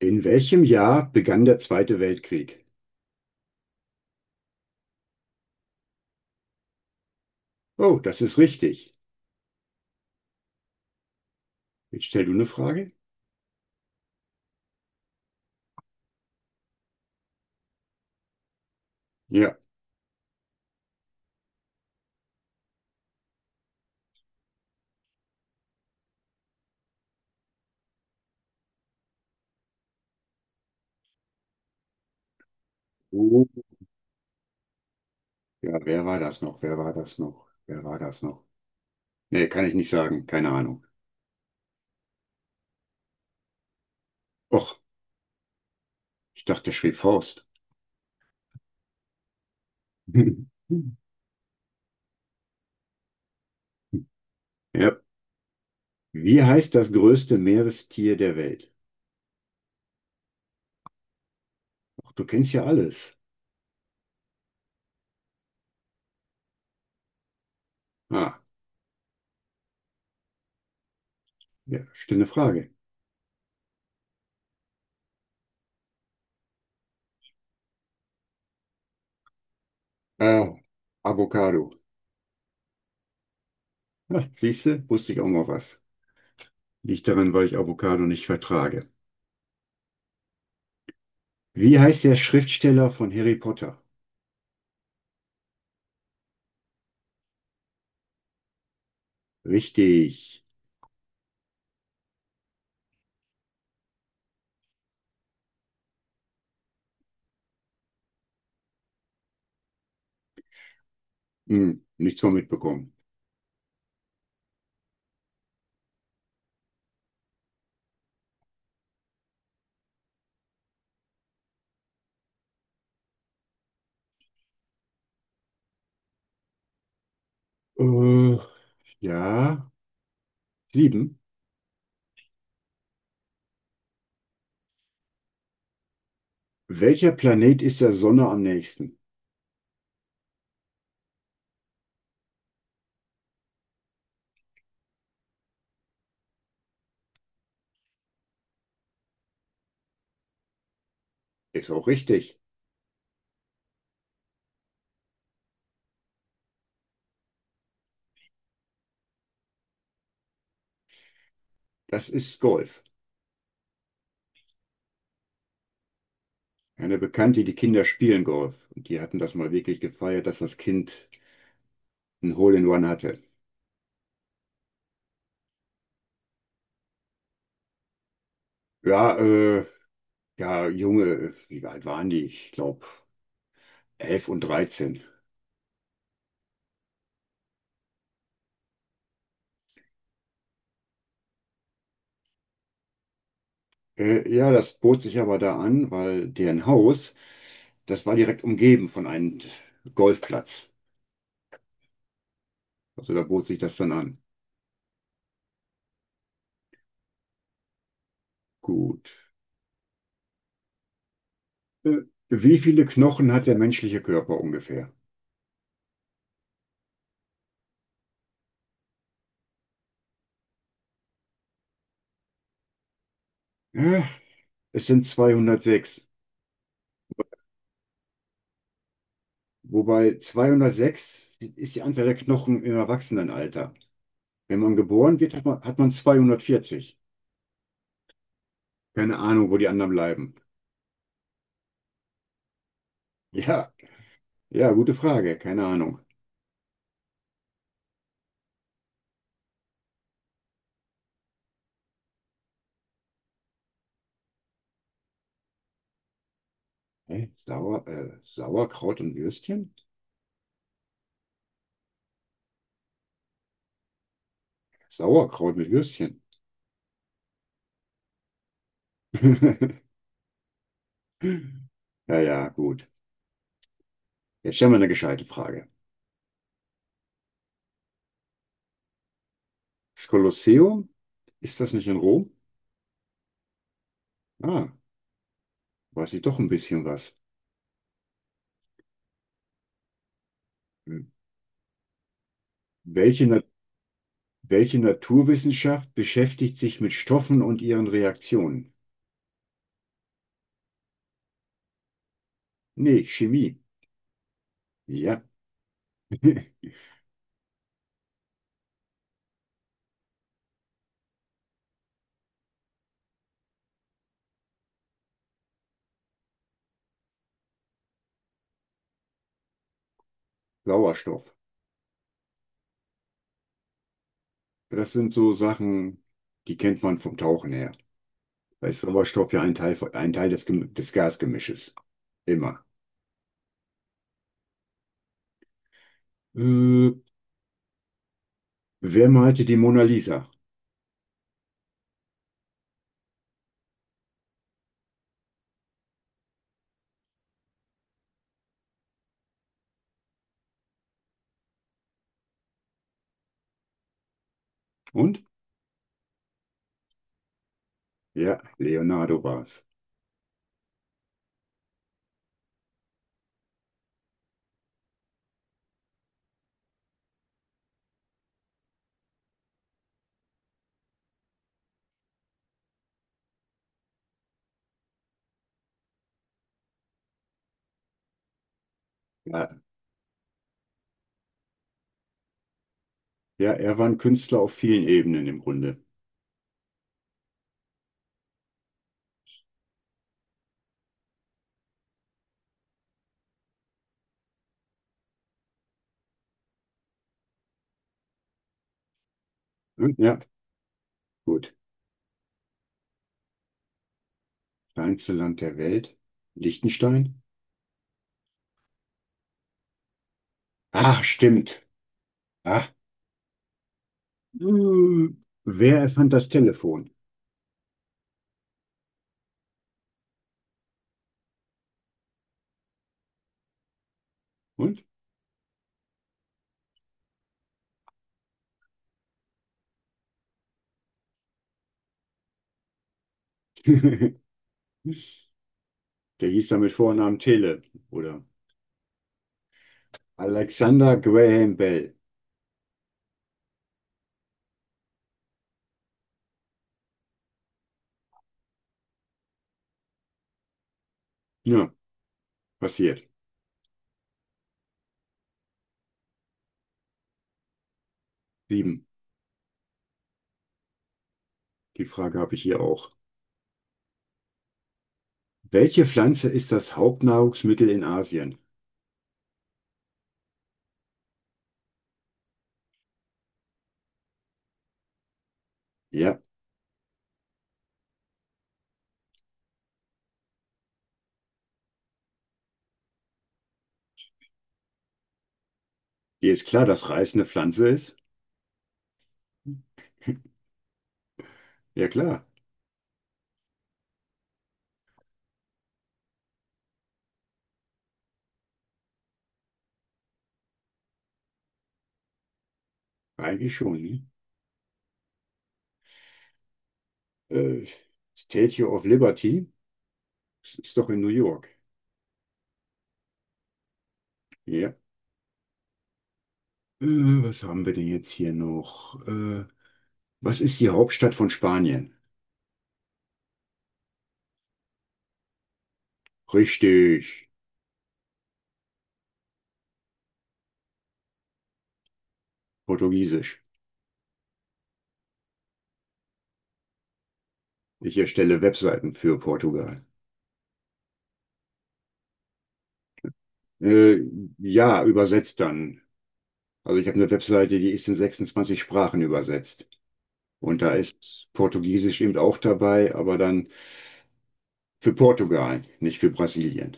In welchem Jahr begann der Zweite Weltkrieg? Oh, das ist richtig. Jetzt stell du eine Frage? Ja. Oh, ja, wer war das noch? Wer war das noch? Wer war das noch? Nee, kann ich nicht sagen. Keine Ahnung. Och, ich dachte, der schrieb Faust. Ja. Wie heißt das größte Meerestier der Welt? Ach, du kennst ja alles. Ah, ja, stille Frage. Äh, Avocado. Ah, siehste, wusste ich auch mal was. Liegt daran, weil ich Avocado nicht vertrage. Wie heißt der Schriftsteller von Harry Potter? Richtig. Hm, nichts von mitbekommen. Äh, ja, sieben. Welcher Planet ist der Sonne am nächsten? Ist auch richtig. Das ist Golf. Eine Bekannte, die Kinder spielen Golf. Und die hatten das mal wirklich gefeiert, dass das Kind ein Hole in One hatte. Ja, ja, Junge, wie alt waren die? Ich glaube, 11 und 13. Ja, das bot sich aber da an, weil deren Haus das war direkt umgeben von einem Golfplatz. Also da bot sich das dann an. Gut. Äh, wie viele Knochen hat der menschliche Körper ungefähr? Äh, Es sind 206. Wobei 206 ist die Anzahl der Knochen im Erwachsenenalter. Wenn man geboren wird, hat man 240. Keine Ahnung, wo die anderen bleiben. Ja, ja, gute Frage. Keine Ahnung. Hä? Sauerkraut und Würstchen? Sauerkraut mit Würstchen. Ja, ja, gut. Jetzt stellen wir eine gescheite Frage. Das Kolosseum, ist das nicht in Rom? Ah, weiß ich doch ein bisschen was. Welche, Na welche Naturwissenschaft beschäftigt sich mit Stoffen und ihren Reaktionen? Nee, Chemie. Ja, Sauerstoff. Das sind so Sachen, die kennt man vom Tauchen her. Da ist Sauerstoff ja ein Teil, ein Teil des des Gasgemisches. Immer. Äh, wer malte die Mona Lisa? Und? Ja, Leonardo war es. Ja, ja, er war ein Künstler auf vielen Ebenen im Grunde. Hm, ja, gut. Kleinste Land der Welt? Liechtenstein? Ach, stimmt. Ah, Äh, wer erfand das Telefon? Und? Der hieß dann mit Vornamen Tele oder Alexander Graham Bell. Ja, passiert. Sieben. Die Frage habe ich hier auch. Welche Pflanze ist das Hauptnahrungsmittel in Asien? Ja, dir ist klar, dass Reis eine Pflanze ist? Ja, klar. Eigentlich schon. Ne? Äh, Statue of Liberty. Das ist doch in New York. Ja. Äh, was haben wir denn jetzt hier noch? Was ist die Hauptstadt von Spanien? Richtig. Portugiesisch. Ich erstelle Webseiten für Portugal. Äh, ja, übersetzt dann. Also ich habe eine Webseite, die ist in 26 Sprachen übersetzt. Und da ist Portugiesisch eben auch dabei, aber dann für Portugal, nicht für Brasilien.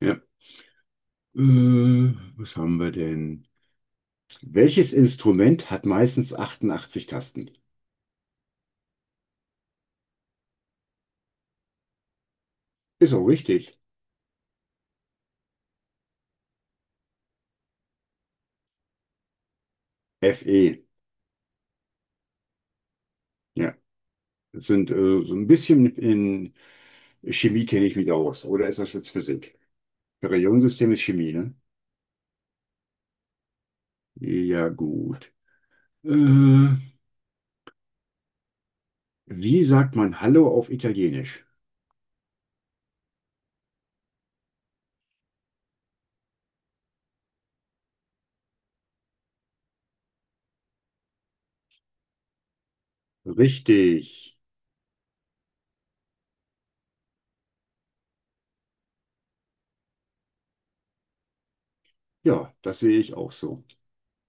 Ja. Was haben wir denn? Welches Instrument hat meistens 88 Tasten? Ist auch richtig. F E. Ja. Das sind so ein bisschen in Chemie kenne ich mich aus. Oder ist das jetzt Physik? Periodensystem ist Chemie, ne? Ja, gut. Äh, wie sagt man Hallo auf Italienisch? Richtig. Ja, das sehe ich auch so.